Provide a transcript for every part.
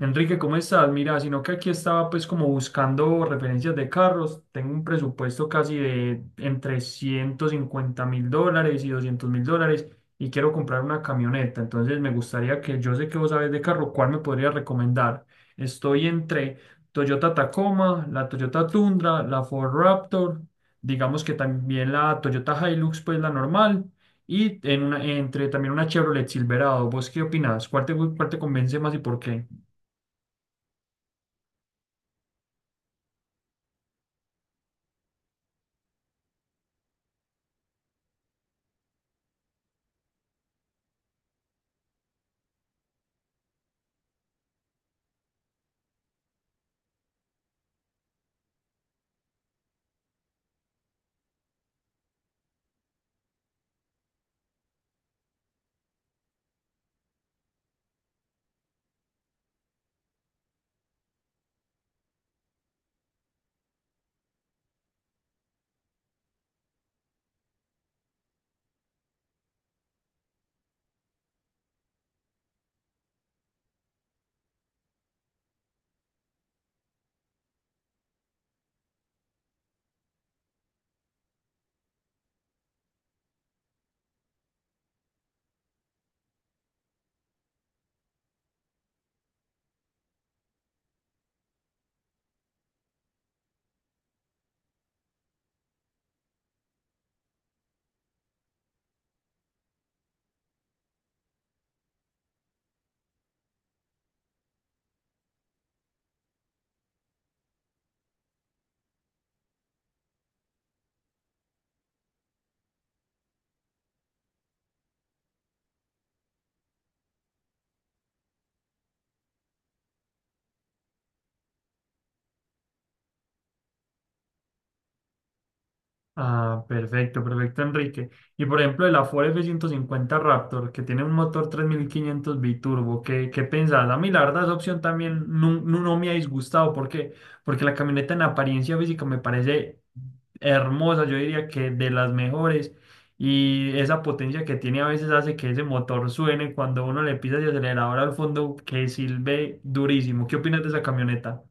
Enrique, ¿cómo estás? Mira, sino que aquí estaba pues como buscando referencias de carros. Tengo un presupuesto casi de entre $150,000 y $200,000 y quiero comprar una camioneta. Entonces me gustaría que yo sé que vos sabés de carro, ¿cuál me podría recomendar? Estoy entre Toyota Tacoma, la Toyota Tundra, la Ford Raptor, digamos que también la Toyota Hilux, pues la normal. Y entre también una Chevrolet Silverado. ¿Vos qué opinás? ¿Cuál te convence más y por qué? Ah, perfecto, perfecto, Enrique. Y por ejemplo, el Afore F-150 Raptor, que tiene un motor 3500 biturbo, ¿qué pensás? A mí, la verdad, esa opción también no, no, no me ha disgustado. ¿Por qué? Porque la camioneta en apariencia física me parece hermosa, yo diría que de las mejores. Y esa potencia que tiene a veces hace que ese motor suene cuando uno le pisa el acelerador al fondo, que silbe durísimo. ¿Qué opinas de esa camioneta?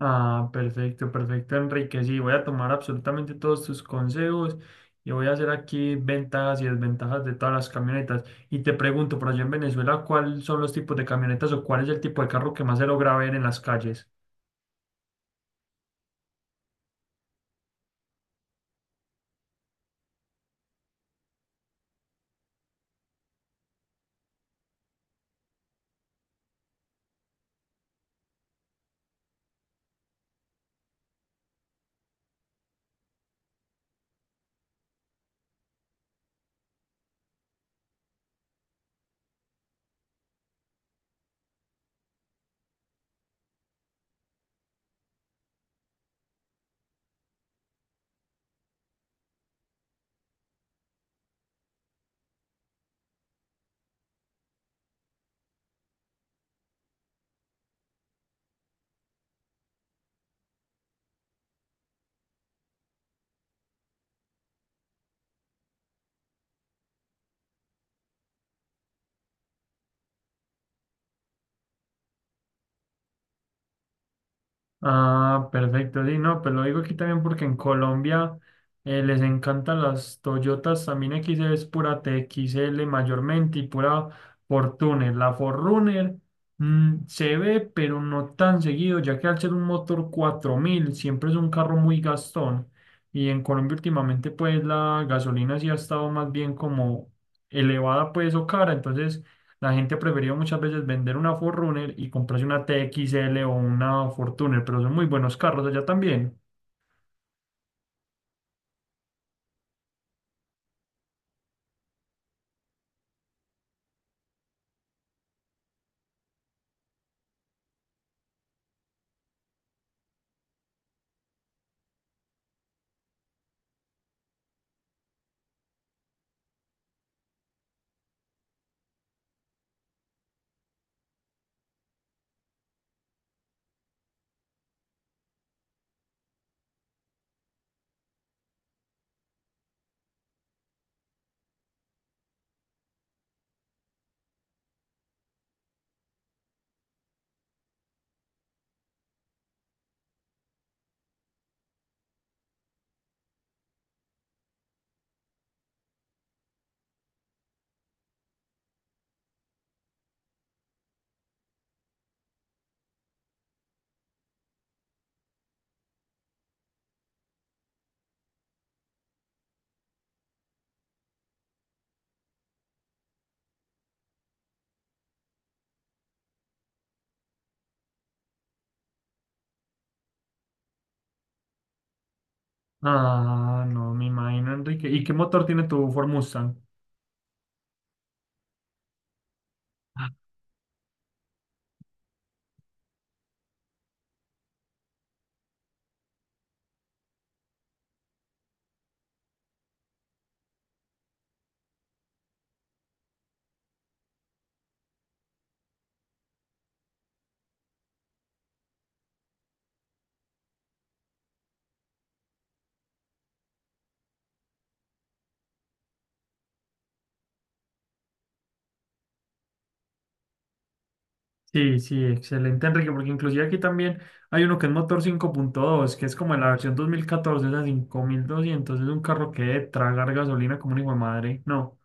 Ah, perfecto, perfecto, Enrique. Sí, voy a tomar absolutamente todos tus consejos y voy a hacer aquí ventajas y desventajas de todas las camionetas. Y te pregunto, por allá en Venezuela, ¿cuáles son los tipos de camionetas o cuál es el tipo de carro que más se logra ver en las calles? Ah, perfecto, sí, no, pero lo digo aquí también porque en Colombia les encantan las Toyotas, también XL es pura TXL mayormente y pura Fortuner. La Fortuner se ve, pero no tan seguido, ya que al ser un motor 4000 siempre es un carro muy gastón y en Colombia últimamente pues la gasolina sí ha estado más bien como elevada pues o cara, entonces la gente prefirió muchas veces vender una 4 y comprarse una T X L o una Fortuner, pero son muy buenos carros allá también. Ah, no, me imagino, Enrique. ¿Y qué motor tiene tu Ford Mustang? Ah, sí, sí, excelente, Enrique, porque inclusive aquí también hay uno que es motor 5.2, que es como en la versión 2014 esa 5,200, es un carro que debe tragar gasolina como un hijo de madre. No.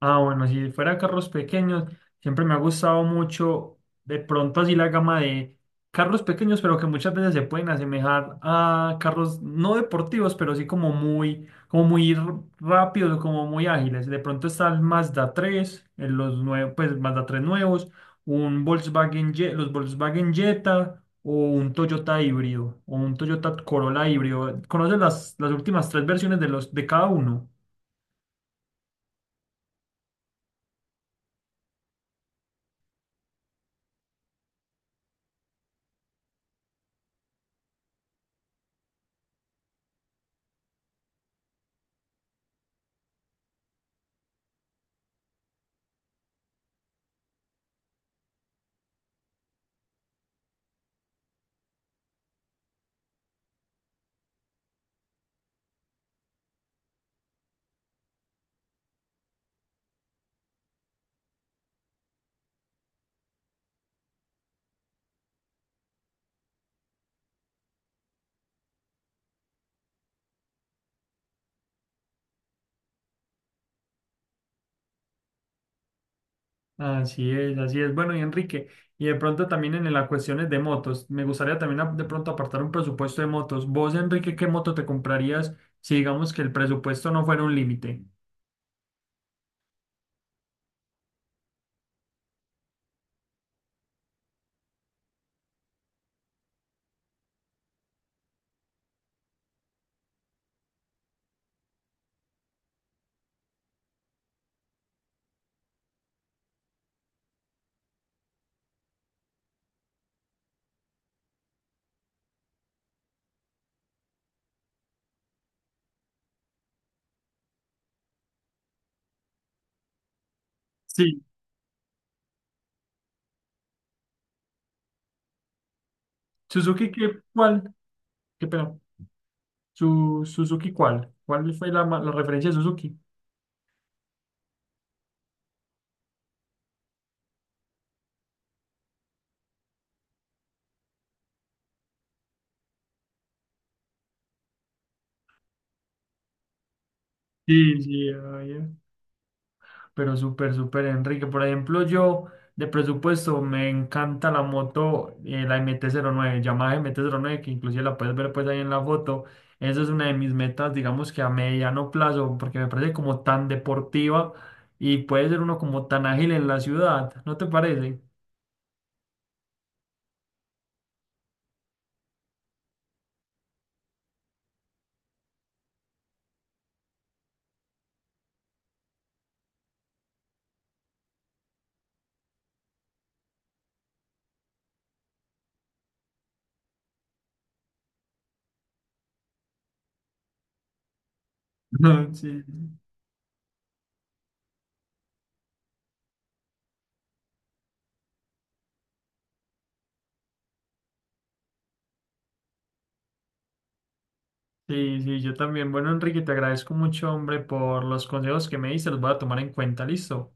Ah, bueno, si fuera carros pequeños, siempre me ha gustado mucho, de pronto así la gama de carros pequeños, pero que muchas veces se pueden asemejar a carros no deportivos, pero sí como muy rápidos, como muy ágiles. De pronto está el Mazda 3, los nuevos, pues Mazda 3 nuevos, un Volkswagen, los Volkswagen Jetta o un Toyota híbrido o un Toyota Corolla híbrido. ¿Conoces las últimas tres versiones de los de cada uno? Así es, así es. Bueno, y Enrique, y de pronto también en las cuestiones de motos, me gustaría también de pronto apartar un presupuesto de motos. Vos, Enrique, ¿qué moto te comprarías si digamos que el presupuesto no fuera un límite? Sí. Suzuki, ¿qué, cuál? ¿Qué pena? Suzuki, ¿cuál? ¿Cuál fue la referencia de Suzuki? Sí, sí, ah, ya. Pero súper, súper, Enrique. Por ejemplo, yo de presupuesto me encanta la moto, la MT-09, Yamaha M T cero nueve que inclusive la puedes ver pues ahí en la foto. Esa es una de mis metas, digamos que a mediano plazo, porque me parece como tan deportiva y puede ser uno como tan ágil en la ciudad, ¿no te parece? Sí, sí, sí, yo también. Bueno, Enrique, te agradezco mucho, hombre, por los consejos que me diste, los voy a tomar en cuenta, ¿listo?